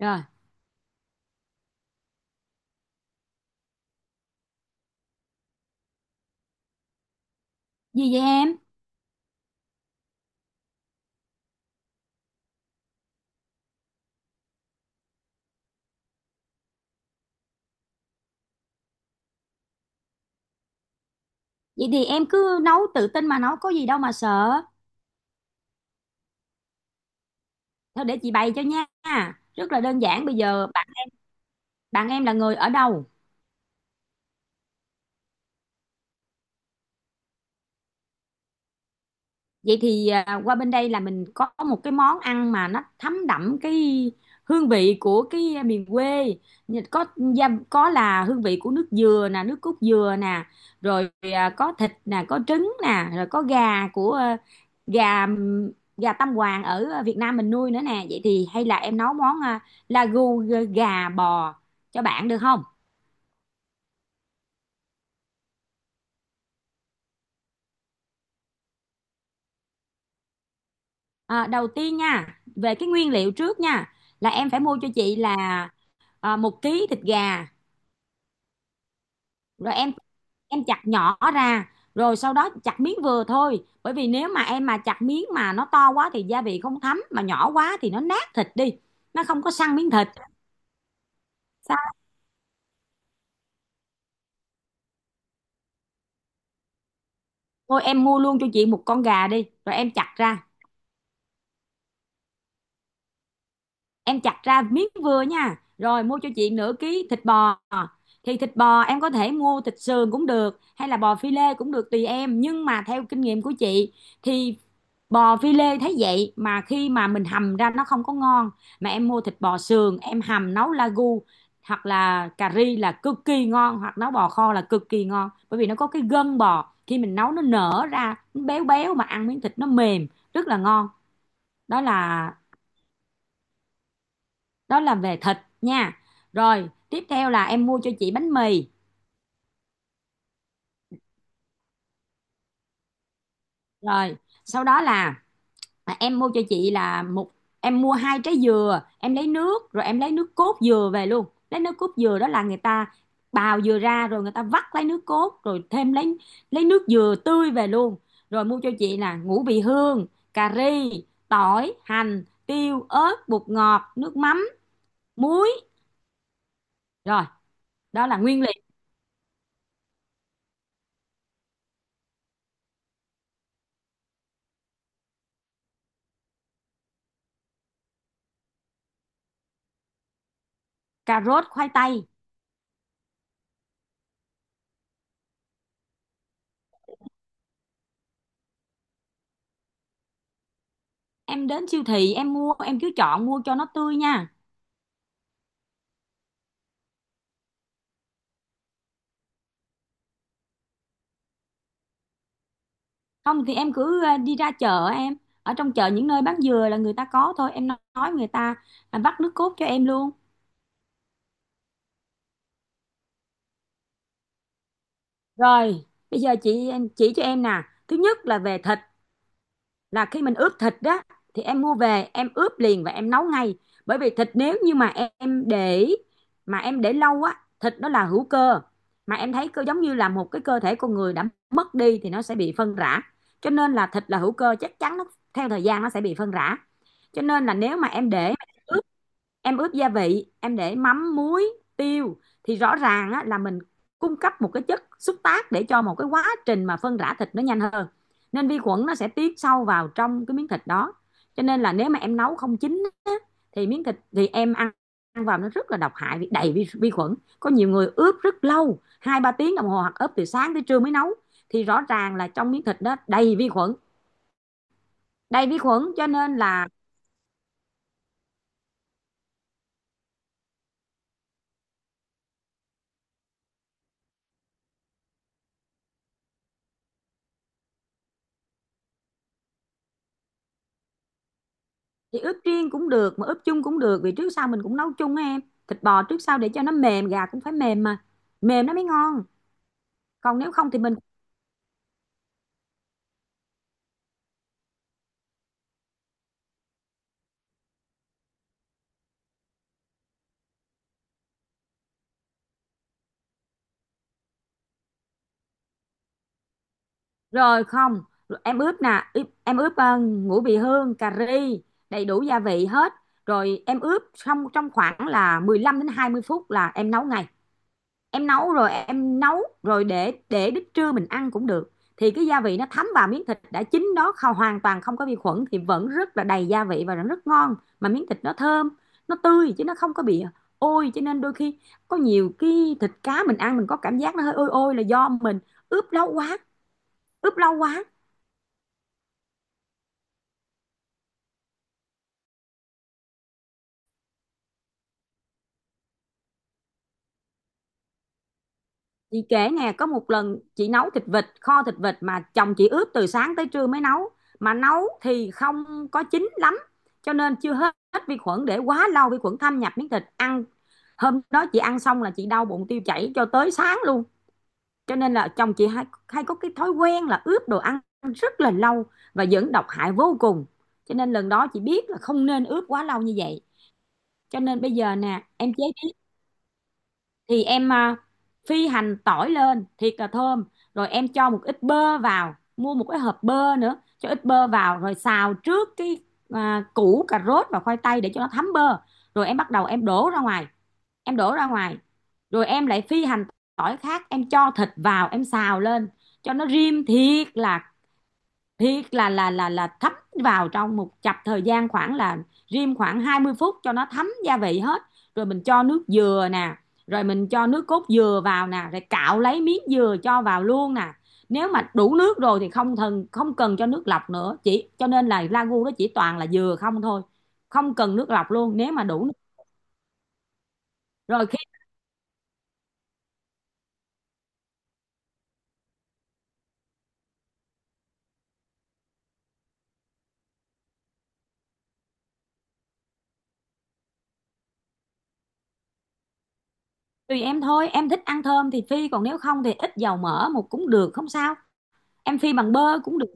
Rồi, gì vậy em? Vậy thì em cứ nấu tự tin mà nấu, có gì đâu mà sợ. Thôi để chị bày cho nha. Rất là đơn giản. Bây giờ bạn em là người ở đâu? Vậy thì qua bên đây là mình có một cái món ăn mà nó thấm đậm cái hương vị của cái à, miền quê. Như có là hương vị của nước dừa nè, nước cốt dừa nè, rồi có thịt nè, có trứng nè, rồi có gà của ờ, gà gà Tam Hoàng ở Việt Nam mình nuôi nữa nè. Vậy thì hay là em nấu món lagu gà bò cho bạn được không? À, đầu tiên nha, về cái nguyên liệu trước nha, là em phải mua cho chị là 1 ký thịt gà, rồi em chặt nhỏ ra, rồi sau đó chặt miếng vừa thôi, bởi vì nếu mà em mà chặt miếng mà nó to quá thì gia vị không thấm, mà nhỏ quá thì nó nát thịt đi, nó không có săn miếng thịt. Sao? Thôi em mua luôn cho chị một con gà đi rồi Em chặt ra miếng vừa nha, rồi mua cho chị ½ ký thịt bò. Thì thịt bò em có thể mua thịt sườn cũng được, hay là bò phi lê cũng được, tùy em. Nhưng mà theo kinh nghiệm của chị thì bò phi lê thấy vậy mà khi mà mình hầm ra nó không có ngon. Mà em mua thịt bò sườn em hầm nấu lagu hoặc là cà ri là cực kỳ ngon, hoặc nấu bò kho là cực kỳ ngon, bởi vì nó có cái gân bò, khi mình nấu nó nở ra, nó béo béo mà ăn miếng thịt nó mềm, rất là ngon. Đó là đó là về thịt nha. Rồi tiếp theo là em mua cho chị bánh mì, rồi sau đó là, à, em mua cho chị là một em mua hai trái dừa. Em lấy nước rồi em lấy nước cốt dừa về luôn. Lấy nước cốt dừa đó là người ta bào dừa ra rồi người ta vắt lấy nước cốt, rồi thêm lấy nước dừa tươi về luôn. Rồi mua cho chị là ngũ vị hương, cà ri, tỏi, hành, tiêu, ớt, bột ngọt, nước mắm, muối. Rồi, đó là nguyên liệu. Cà rốt, khoai tây. Em đến siêu thị em mua, em cứ chọn mua cho nó tươi nha. Không thì em cứ đi ra chợ em, ở trong chợ những nơi bán dừa là người ta có thôi. Em nói người ta vắt nước cốt cho em luôn. Rồi bây giờ chị chỉ cho em nè. Thứ nhất là về thịt, là khi mình ướp thịt đó thì em mua về em ướp liền và em nấu ngay. Bởi vì thịt, nếu như em để mà em để lâu á, thịt nó là hữu cơ, mà em thấy cơ giống như là một cái cơ thể con người đã mất đi thì nó sẽ bị phân rã, cho nên là thịt là hữu cơ, chắc chắn nó theo thời gian nó sẽ bị phân rã. Cho nên là nếu mà em để ướp, em ướp gia vị, em để mắm, muối, tiêu thì rõ ràng á, là mình cung cấp một cái chất xúc tác để cho một cái quá trình mà phân rã thịt nó nhanh hơn, nên vi khuẩn nó sẽ tiến sâu vào trong cái miếng thịt đó. Cho nên là nếu mà em nấu không chín á, thì miếng thịt thì em ăn, ăn vào nó rất là độc hại vì đầy vi khuẩn. Có nhiều người ướp rất lâu, hai ba tiếng đồng hồ, hoặc ướp từ sáng tới trưa mới nấu, thì rõ ràng là trong miếng thịt đó đầy vi khuẩn, cho nên là. Thì ướp riêng cũng được, mà ướp chung cũng được, vì trước sau mình cũng nấu chung á em. Thịt bò trước sau để cho nó mềm, gà cũng phải mềm, mà mềm nó mới ngon. Còn nếu không thì mình, rồi không, rồi em ướp nè. Em ướp ngũ vị hương, cà ri, đầy đủ gia vị hết. Rồi em ướp xong trong khoảng là 15 đến 20 phút là em nấu ngay. Em nấu rồi để đến trưa mình ăn cũng được. Thì cái gia vị nó thấm vào miếng thịt đã chín đó, không hoàn toàn không có vi khuẩn, thì vẫn rất là đầy gia vị và vẫn rất ngon, mà miếng thịt nó thơm, nó tươi chứ nó không có bị ôi. Cho nên đôi khi có nhiều cái thịt cá mình ăn mình có cảm giác nó hơi ôi ôi, là do mình ướp lâu quá, ướp lâu quá. Chị kể nè, có một lần chị nấu thịt vịt, kho thịt vịt mà chồng chị ướp từ sáng tới trưa mới nấu. Mà nấu thì không có chín lắm, cho nên chưa hết vi khuẩn, để quá lâu vi khuẩn thâm nhập miếng thịt ăn. Hôm đó chị ăn xong là chị đau bụng tiêu chảy cho tới sáng luôn. Cho nên là chồng chị hay có cái thói quen là ướp đồ ăn rất là lâu, và dẫn độc hại vô cùng. Cho nên lần đó chị biết là không nên ướp quá lâu như vậy. Cho nên bây giờ nè, em chế, thì em phi hành tỏi lên thiệt là thơm, rồi em cho một ít bơ vào, mua một cái hộp bơ nữa, cho ít bơ vào rồi xào trước cái củ cà rốt và khoai tây để cho nó thấm bơ. Rồi em bắt đầu em đổ ra ngoài, em đổ ra ngoài rồi em lại phi hành tỏi khác, em cho thịt vào em xào lên cho nó rim thiệt là thấm vào. Trong một chập thời gian khoảng là rim khoảng 20 phút cho nó thấm gia vị hết, rồi mình cho nước dừa nè, rồi mình cho nước cốt dừa vào nè, rồi cạo lấy miếng dừa cho vào luôn nè. Nếu mà đủ nước rồi thì không cần cho nước lọc nữa, chỉ cho nên là ragu đó chỉ toàn là dừa không thôi, không cần nước lọc luôn nếu mà đủ nước. Rồi khi Tùy em thôi, em thích ăn thơm thì phi, còn nếu không thì ít dầu mỡ một cũng được, không sao. Em phi bằng bơ cũng được.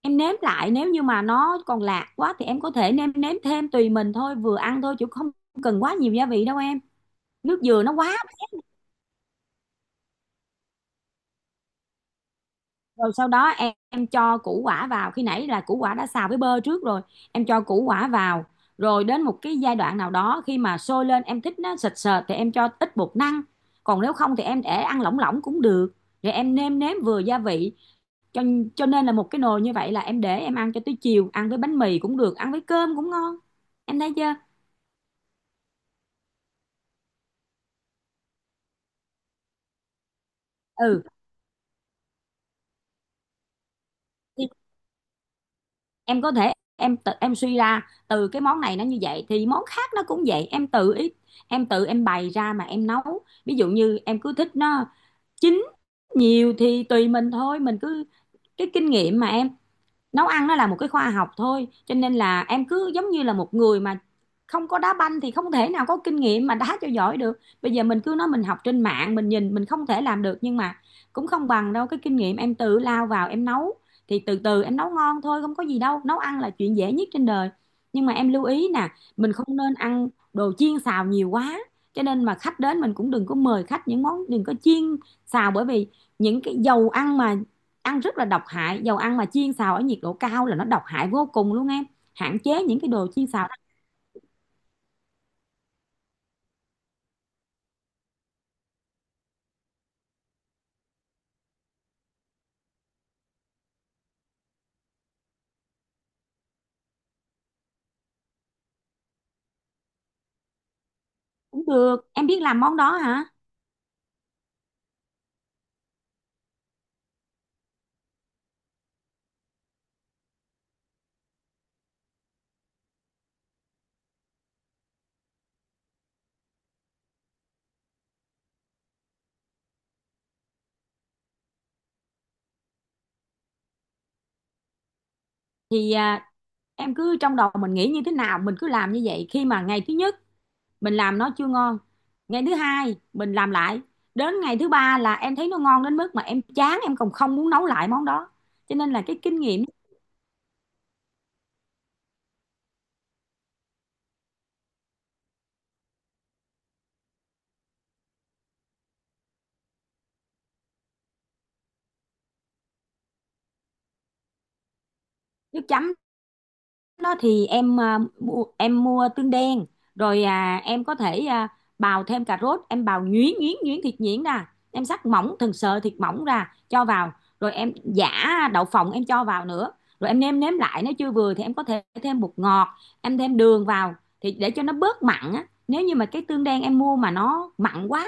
Em nếm lại nếu như mà nó còn lạt quá thì em có thể nêm nếm thêm, tùy mình thôi, vừa ăn thôi chứ không cần quá nhiều gia vị đâu em. Nước dừa nó quá. Rồi sau đó em cho củ quả vào, khi nãy là củ quả đã xào với bơ trước rồi, em cho củ quả vào. Rồi đến một cái giai đoạn nào đó khi mà sôi lên, em thích nó sệt sệt thì em cho ít bột năng, còn nếu không thì em để ăn lỏng lỏng cũng được. Rồi em nêm nếm vừa gia vị, cho cho nên là một cái nồi như vậy là em để em ăn cho tới chiều, ăn với bánh mì cũng được, ăn với cơm cũng ngon. Em thấy chưa? Ừ, em có thể em tự em suy ra từ cái món này. Nó như vậy thì món khác nó cũng vậy, em tự ý em tự em bày ra mà em nấu. Ví dụ như em cứ thích nó chín nhiều thì tùy mình thôi, mình cứ, cái kinh nghiệm mà em, nấu ăn nó là một cái khoa học thôi. Cho nên là em cứ giống như là một người mà không có đá banh thì không thể nào có kinh nghiệm mà đá cho giỏi được. Bây giờ mình cứ nói mình học trên mạng mình nhìn mình không thể làm được, nhưng mà cũng không bằng đâu, cái kinh nghiệm em tự lao vào em nấu thì từ từ em nấu ngon thôi, không có gì đâu. Nấu ăn là chuyện dễ nhất trên đời. Nhưng mà em lưu ý nè, mình không nên ăn đồ chiên xào nhiều quá, cho nên mà khách đến mình cũng đừng có mời khách những món, đừng có chiên xào, bởi vì những cái dầu ăn mà ăn rất là độc hại, dầu ăn mà chiên xào ở nhiệt độ cao là nó độc hại vô cùng luôn em. Hạn chế những cái đồ chiên xào ăn. Cũng được, em biết làm món đó hả? Thì em cứ trong đầu mình nghĩ như thế nào mình cứ làm như vậy. Khi mà ngày thứ nhất mình làm nó chưa ngon, ngày thứ hai mình làm lại, đến ngày thứ ba là em thấy nó ngon đến mức mà em chán, em còn không muốn nấu lại món đó. Cho nên là cái kinh nghiệm. Nước chấm đó thì em, mua, em mua tương đen. Rồi em có thể bào thêm cà rốt, em bào nhuyễn nhuyễn nhuyễn, thịt nhuyễn ra, em sắc mỏng từng sợi thịt mỏng ra cho vào. Rồi em giã đậu phộng em cho vào nữa. Rồi em nêm nếm lại, nếu chưa vừa thì em có thể thêm bột ngọt, em thêm đường vào thì để cho nó bớt mặn á. Nếu như mà cái tương đen em mua mà nó mặn quá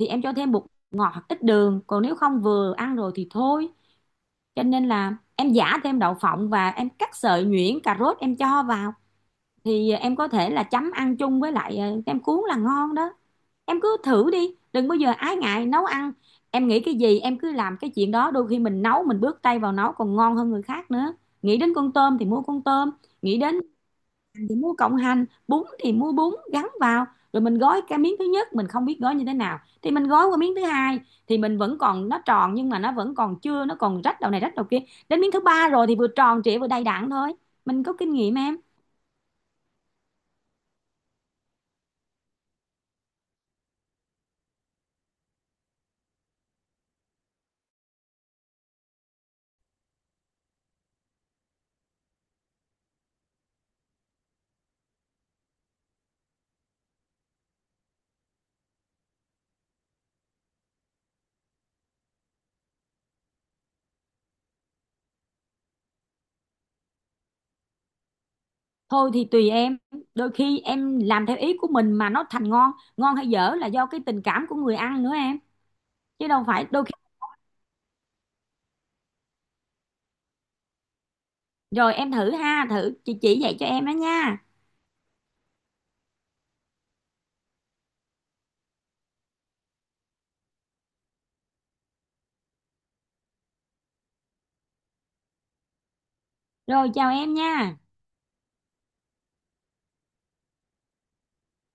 thì em cho thêm bột ngọt hoặc ít đường, còn nếu không vừa ăn rồi thì thôi. Cho nên là em giả thêm đậu phộng và em cắt sợi nhuyễn cà rốt em cho vào, thì em có thể là chấm ăn chung với lại nem cuốn là ngon đó. Em cứ thử đi, đừng bao giờ ái ngại nấu ăn. Em nghĩ cái gì em cứ làm cái chuyện đó, đôi khi mình nấu mình bước tay vào nấu còn ngon hơn người khác nữa. Nghĩ đến con tôm thì mua con tôm, nghĩ đến thì mua cộng hành, bún thì mua bún gắn vào. Rồi mình gói cái miếng thứ nhất mình không biết gói như thế nào thì mình gói qua miếng thứ hai, thì mình vẫn còn nó tròn nhưng mà nó vẫn còn chưa, nó còn rách đầu này rách đầu kia. Đến miếng thứ ba rồi thì vừa tròn trịa vừa đầy đặn thôi, mình có kinh nghiệm em. Thôi thì tùy em, đôi khi em làm theo ý của mình mà nó thành ngon. Ngon hay dở là do cái tình cảm của người ăn nữa em, chứ đâu phải. Đôi khi, rồi em thử ha, thử chị chỉ dạy cho em đó nha. Rồi, chào em nha.